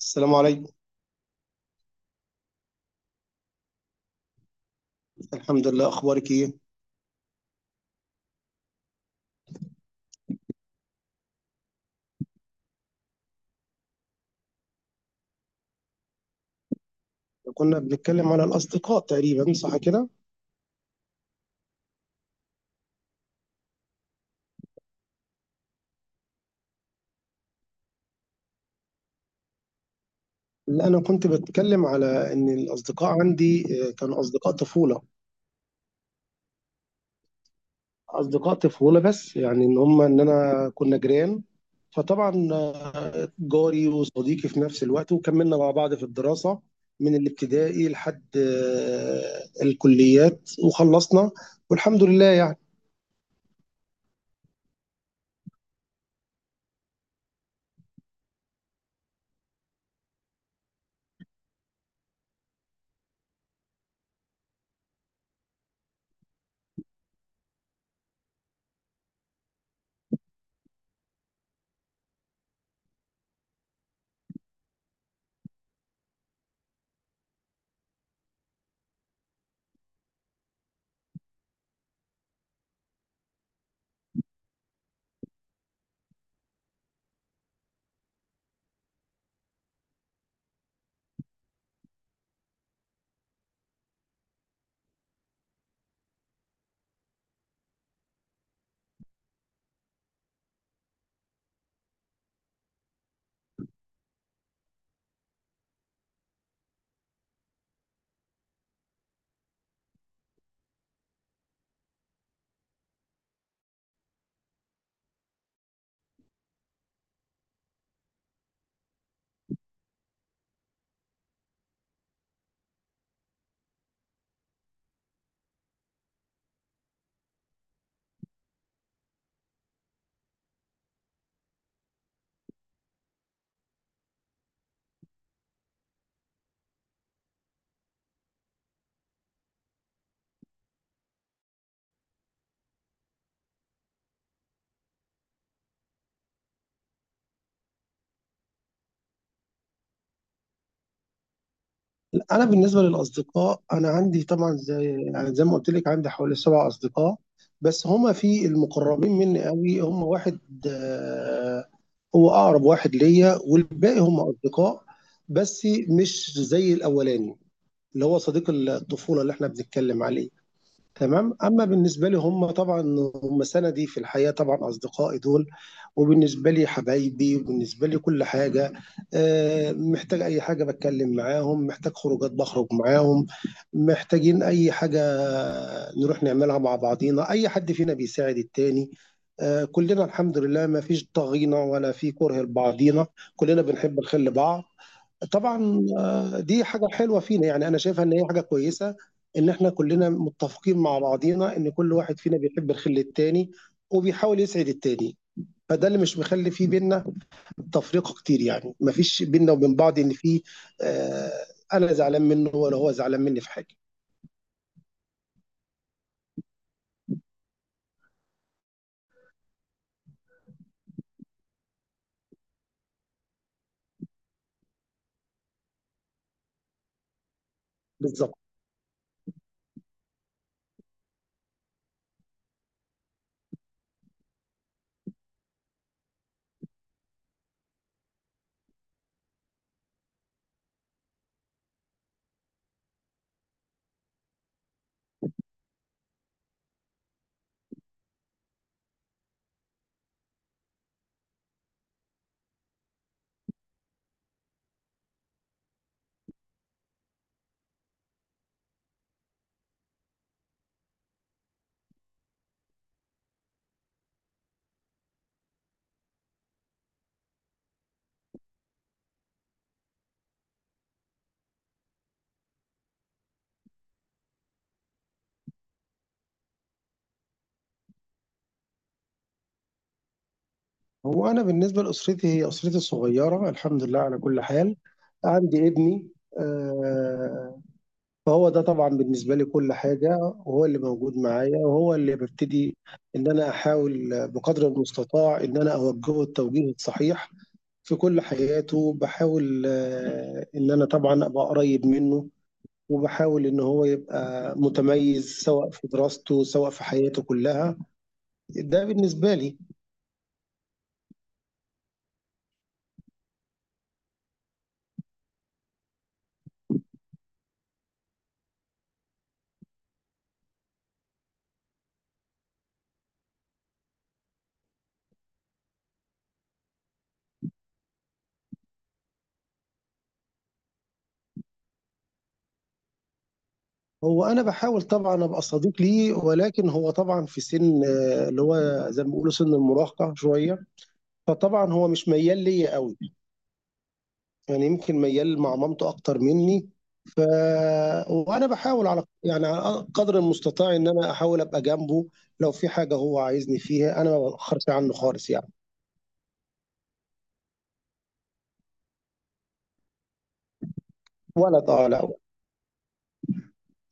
السلام عليكم. الحمد لله، اخبارك ايه؟ كنا بنتكلم على الاصدقاء تقريبا، صح كده؟ لا، انا كنت بتكلم على ان الاصدقاء عندي كانوا اصدقاء طفوله. اصدقاء طفوله، بس يعني ان هم ان انا كنا جيران. فطبعا جاري وصديقي في نفس الوقت، وكملنا مع بعض في الدراسه من الابتدائي لحد الكليات، وخلصنا والحمد لله يعني. انا بالنسبه للاصدقاء، انا عندي طبعا زي يعني زي ما قلت لك، عندي حوالي 7 اصدقاء، بس هما في المقربين مني قوي هما واحد. آه، هو اقرب واحد ليا، والباقي هما اصدقاء بس مش زي الاولاني اللي هو صديق الطفوله اللي احنا بنتكلم عليه. تمام، أمّا بالنسبة لي هم طبعًا هم سَنَدي في الحياة، طبعًا أصدقائي دول، وبالنسبة لي حبايبي، وبالنسبة لي كل حاجة. محتاج أي حاجة باتكلّم معاهم، محتاج خروجات باخرج معاهم، محتاجين أي حاجة نروح نعملها مع بعضينا، أي حد فينا بيساعد التاني. كُلّنا الحمد لله ما فيش طاغينا ولا في كُره لبعضينا، كُلّنا بنحب الخير لبعض. طبعًا دي حاجة حلوة فينا، يعني أنا شايفها إن هي حاجة كويسة، إن إحنا كُلّنا متّفقين مع بعضينا إن كل واحد فينا بيحب الخِل التاني وبيحاول يسعد التاني. فده اللي مش مخلّي في بيننا تفرقة كتير يعني، ما فيش بيننا وبين بعض إن في آآ أنا زعلان منّه ولا هو زعلان منّي في حاجة. بالضبط. هو أنا بالنسبة لأسرتي، هي أسرتي الصغيّرة الحمد لله على كل حال. عندي ابني، آآ فهو ده طبعا بالنسبة لي كل حاجة، وهو اللي موجود معايا، وهو اللي ببتدي إن أنا أحاول بقدر المستطاع إن أنا أوجهه التوجيه الصحيح في كل حياته. بحاول إن أنا طبعا أبقى قريب منه، وبحاول إن هو يبقى متميز سواء في دراسته سواء في حياته كلها. ده بالنسبة لي. هو أنا بحاول طبعا أبقى صديق ليه، ولكن هو طبعا في سن اللي هو زي ما بيقولوا سن المراهقة شوية. فطبعا هو مش ميال ليا قوي، يعني يمكن ميال مع مامته أكتر منّي. ف وأنا باحاول على يعني على قدر المستطاع إن أنا أحاول أبقى جنبه. لو في حاجة هو عايزني فيها، أنا ما باتأخّرش عنّه خالص يعني. ولد، لأ.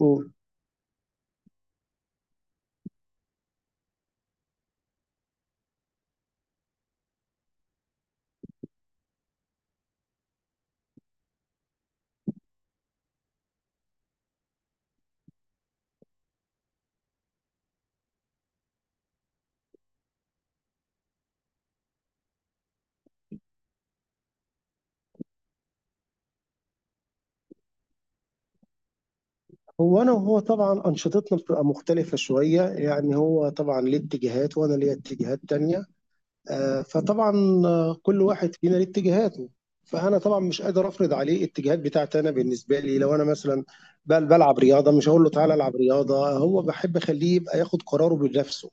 إمم. هو أنا وهو طبعًا أنشطتنا بتبقى مختلفة شوية، يعني هو طبعًا ليه اتجاهات وأنا ليّا اتجاهات تانية. آه، فطبعا كل واحد فينا ليه اتجاهاته. فانا طبعا مش قادر افرض عليه الاتجاهات بتاعتي. انا بالنسبه لي لو انا مثلا بلعب رياضه، مش هقول له تعالى العب رياضه، هو بحب اخليه يبقى ياخد قراره بنفسه،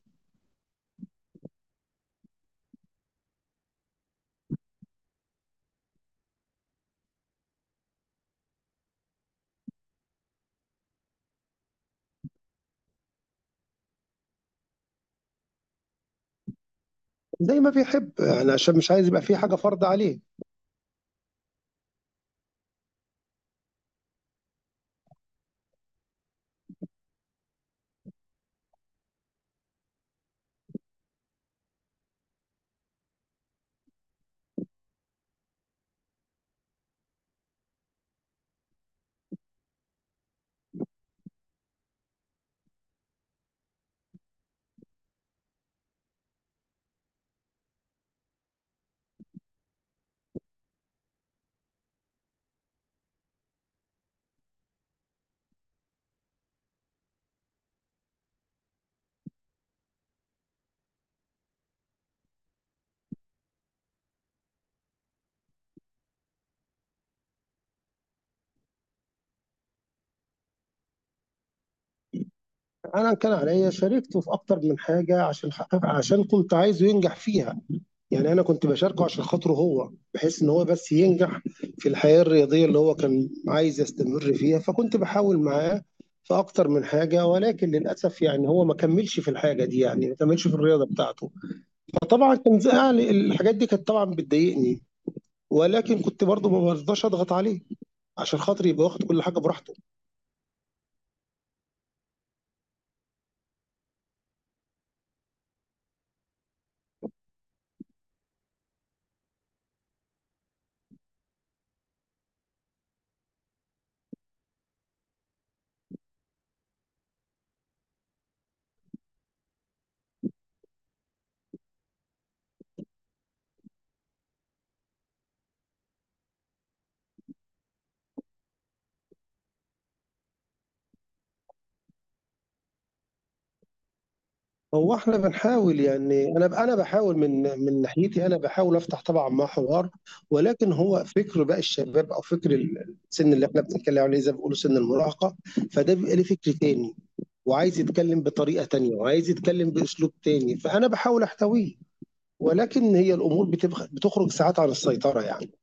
زي ما بيحب يعني، عشان مش عايز يبقى في حاجه فرض عليه. انا كان عليا شاركته في اكتر من حاجه، عشان كنت عايزه ينجح فيها، يعني انا كنت بشاركه عشان خاطره هو، بحيث ان هو بس ينجح في الحياه الرياضيه اللي هو كان عايز يستمر فيها. فكنت بحاول معاه في اكتر من حاجه، ولكن للاسف يعني هو ما كملش في الحاجه دي، يعني ما كملش في الرياضه بتاعته. فطبعا كان زعل، الحاجات دي كانت طبعا بتضايقني، ولكن كنت برضه ما برضاش اضغط عليه عشان خاطر يبقى واخد كل حاجه براحته. هو احنا بنحاول يعني، انا انا بحاول من ناحيتي، انا بحاول افتح طبعا مع حوار. ولكن هو فكر بقى الشباب، او فكر السن اللي احنا بنتكلم عليه زي ما بيقولوا سن المراهقه، فده بيبقى ليه فكر تاني، وعايز يتكلم بطريقه تانيه، وعايز يتكلم باسلوب تاني. فانا بحاول احتويه، ولكن هي الامور بتخرج ساعات عن السيطره يعني.